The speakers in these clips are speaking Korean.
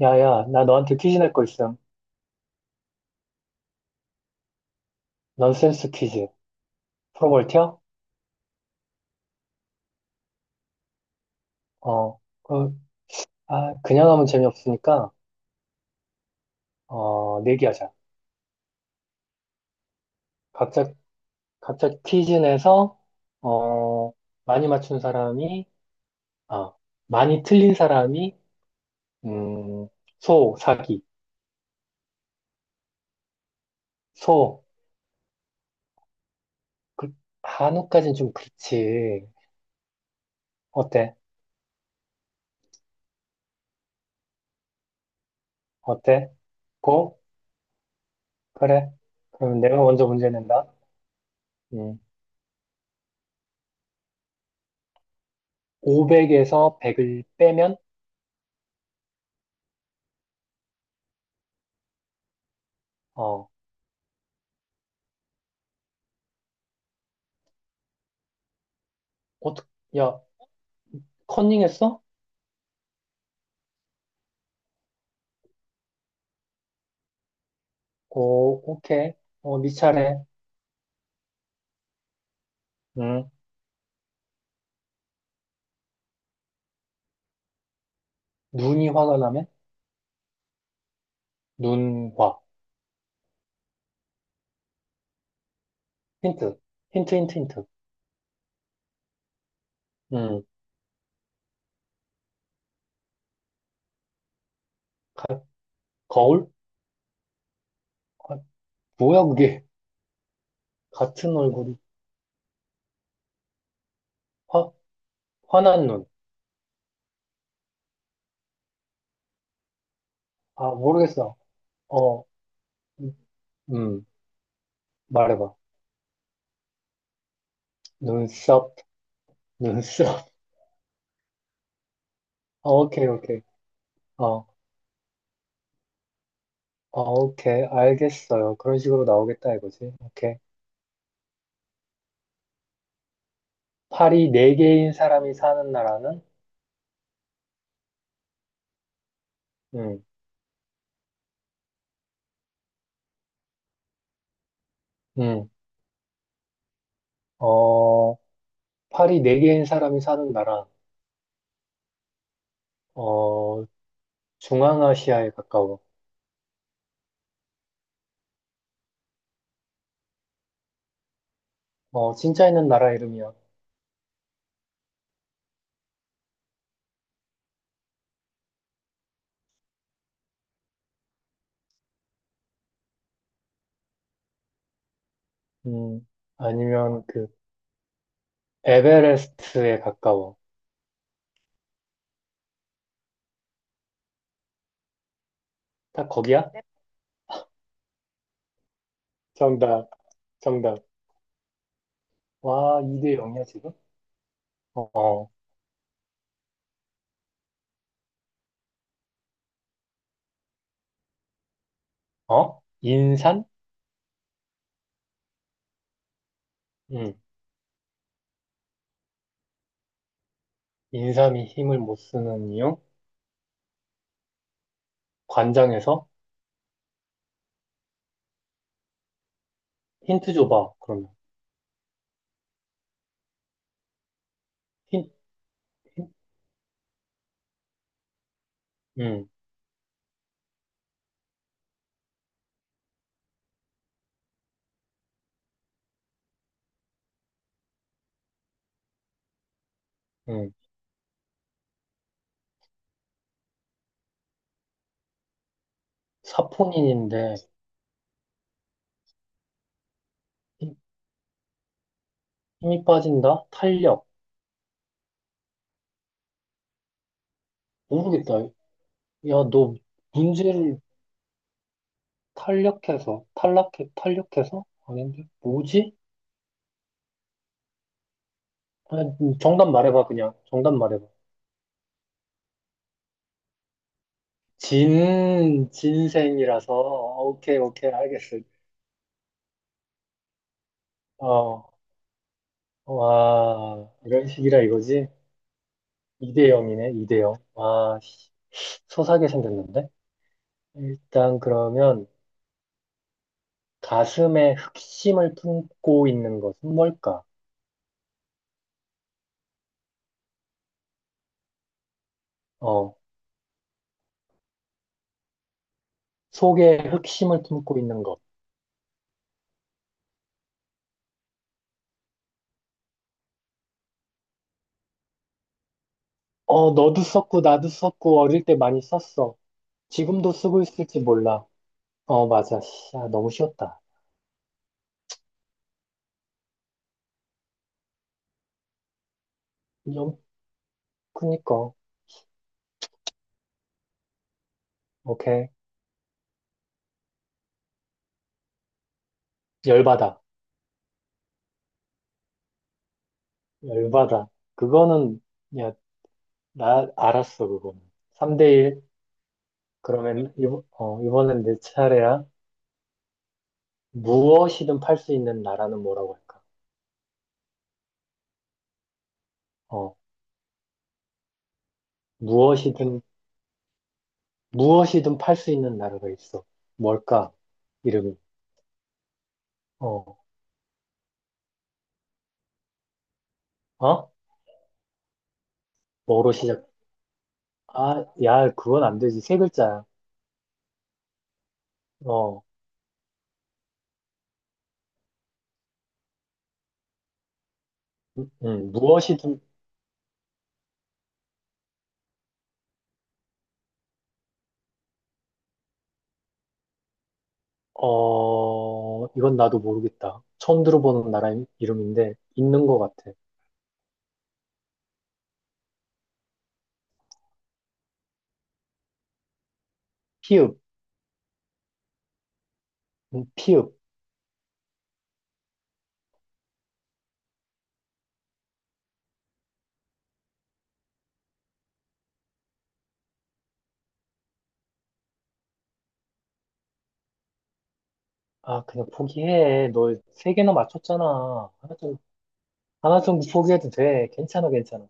야야, 나 너한테 퀴즈 낼 거 있음. 넌센스 퀴즈. 풀어볼 티야? 어, 그, 그냥 하면 재미없으니까, 내기하자. 각자, 각자 퀴즈 내서, 어, 많이 맞춘 사람이, 아, 많이 틀린 사람이, 음, 소, 사기. 소, 그, 한우까진 좀 그렇지. 어때? 어때? 고? 그래. 그럼 내가 먼저 문제 낸다. 음, 500에서 100을 빼면, 어, 어떻게, 야, 컨닝했어? 오, 오케이. 네 차례. 음, 눈이 화가 나면? 눈화. 힌트. 힌트, 힌트, 힌트. 음, 가- 거울? 아, 뭐야, 그게. 같은 얼굴이. 화, 화난 눈. 아, 모르겠어. 어, 음, 음, 말해봐. 눈썹, 눈썹. 오케이, 오케이. 어, 오케이. 알겠어요. 그런 식으로 나오겠다, 이거지. 오케이. 팔이 네 개인 사람이 사는 나라는? 음, 음, 어, 팔이 네개인 사람이 사는 나라, 어, 중앙아시아에 가까워. 진짜 있는 나라 이름이야. 음, 아니면 에베레스트에 가까워. 딱 거기야? 네. 정답, 정답. 와, 2대 0이야, 지금? 어, 어, 어? 인산? 응, 인삼이 힘을 못 쓰는 이유? 관장에서? 힌트 줘봐, 그러면. 힌, 힌? 응, 응, 사포닌인데, 힘- 힘이 빠진다? 탄력. 모르겠다. 야, 너 문제를 탄력해서, 탈락해, 탄력해서? 아닌데? 뭐지? 그냥 정답 말해봐, 그냥. 정답 말해봐. 진생이라서, 오케이, 오케이, 알겠어. 어, 와, 이런 식이라 이거지? 2대 0이네, 2대 0. 와, 씨, 소사게 생겼는데? 일단 그러면, 가슴에 흑심을 품고 있는 것은 뭘까? 어, 속에 흑심을 품고 있는 것. 너도 썼고, 나도 썼고, 어릴 때 많이 썼어. 지금도 쓰고 있을지 몰라. 맞아. 씨, 아, 너무 쉬웠다. 영, 그니까. 오케이. 열받아. 열받아. 그거는, 야, 나 알았어, 그거는. 3대1. 그러면, 이번엔 내 차례야. 무엇이든 팔 수 있는 나라는 뭐라고 할까? 어, 무엇이든, 무엇이든 팔 수 있는 나라가 있어. 뭘까? 이름이. 어, 어? 뭐로 시작? 아, 야, 그건 안 되지. 세 글자야. 어, 음, 음, 무엇이든 이건 나도 모르겠다. 처음 들어보는 나라 이름인데, 있는 것 같아. 피읍, 피읍. 아, 그냥 포기해. 너 세 개나 맞췄잖아. 하나 좀, 하나 정도 포기해도 돼. 괜찮아, 괜찮아.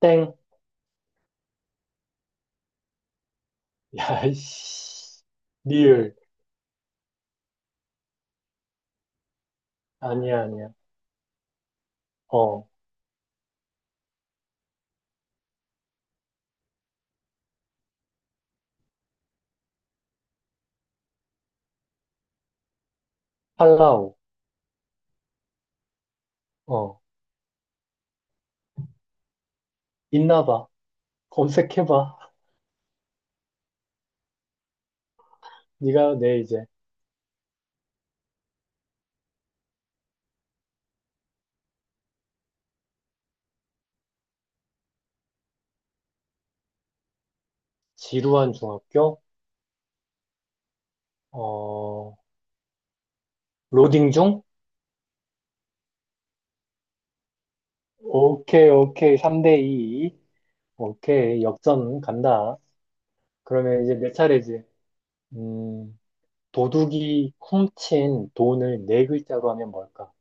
땡. 야, 이씨. 리을. 아니야, 아니야. 어, 팔라우. 어, 있나 봐. 검색해봐. 네가 내 이제 지루한 중학교, 어, 로딩 중? 오케이, 오케이. 3대2. 오케이. 역전 간다. 그러면 이제 내 차례지. 음, 도둑이 훔친 돈을 네 글자로 하면 뭘까?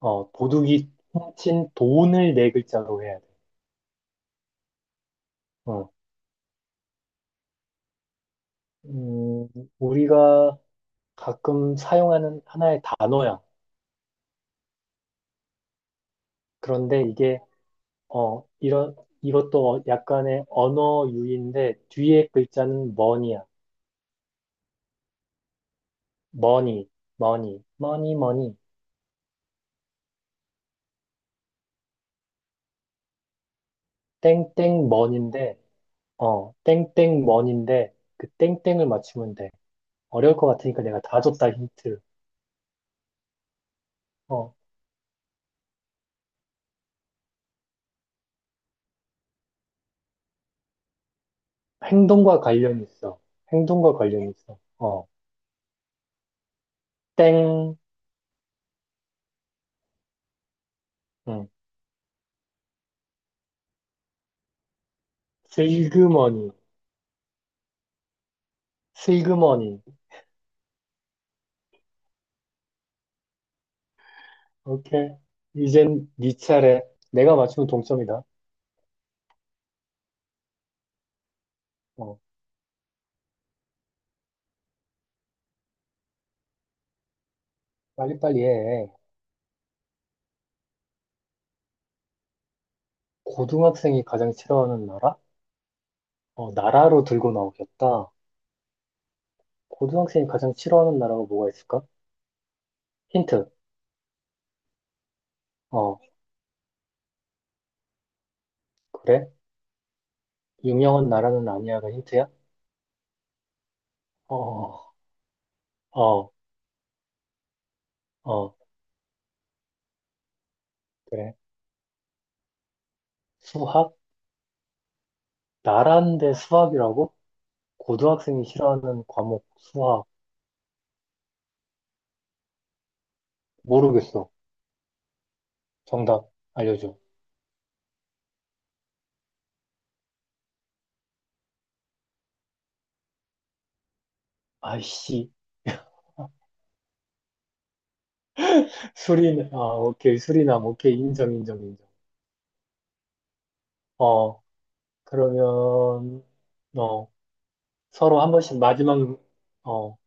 도둑이 훔친 돈을 네 글자로 해야 돼. 어, 음, 우리가 가끔 사용하는 하나의 단어야. 그런데 이게, 어, 이런, 이것도 약간의 언어 유희인데, 뒤에 글자는 money야. money, money, money, money, 땡땡 m 인데 땡땡 money인데, 그 땡땡을 맞추면 돼. 어려울 것 같으니까 내가 다 줬다, 힌트. 어, 행동과 관련이 있어. 행동과 관련이 있어. 땡, 응. 슬그머니, 슬그머니. 오케이. 이젠 네 차례. 내가 맞추면 동점이다. 어, 빨리빨리 해. 고등학생이 가장 싫어하는 나라? 나라로 들고 나오겠다. 고등학생이 가장 싫어하는 나라가 뭐가 있을까? 힌트. 어, 그래? 유명한 나라는 아니야가 힌트야? 어, 어, 어, 그래. 수학? 나란대 수학이라고? 고등학생이 싫어하는 과목 수학. 모르겠어. 정답 알려줘. 아이씨. 아, 오케이. 수리남. 오케이. 인정, 인정, 인정. 어, 그러면, 어, 서로 한 번씩 마지막, 어,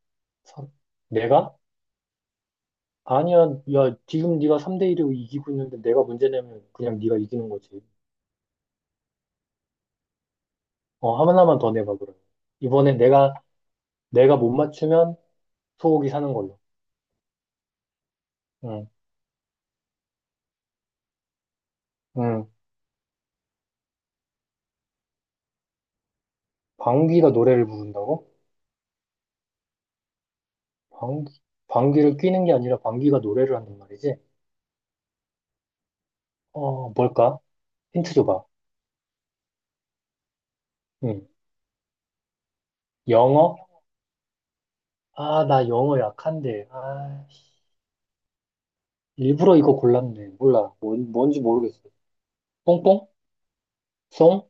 서, 내가? 아니야. 야, 지금 네가 3대1로 이기고 있는데 내가 문제 내면 그냥 네가 이기는 거지. 하나만 더 내봐, 그러면. 이번에 내가 못 맞추면 소고기 사는 걸로. 응, 응. 방귀가 노래를 부른다고? 방귀, 방귀를 뀌는 게 아니라 방귀가 노래를 한단 말이지? 뭘까? 힌트 줘봐. 응. 영어? 아, 나 영어 약한데. 아, 일부러 이거 골랐네. 몰라. 뭔지 모르겠어. 뽕뽕? 송?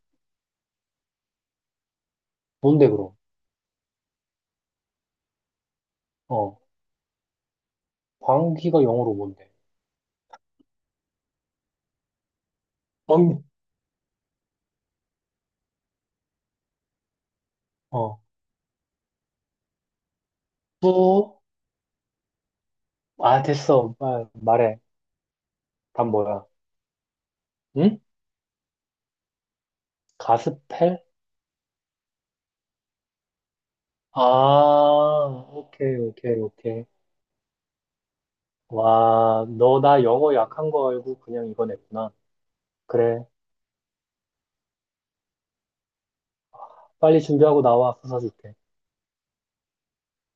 뭔데, 그럼? 어, 방귀가 영어로 뭔데? 방 어, 뿌? 아, 됐어. 말해. 답 뭐야? 응? 가스펠? 아, 오케이, 오케이, 오케이. 와, 너 나 영어 약한 거 알고 그냥 이거 냈구나. 그래. 빨리 준비하고 나와 부서줄게.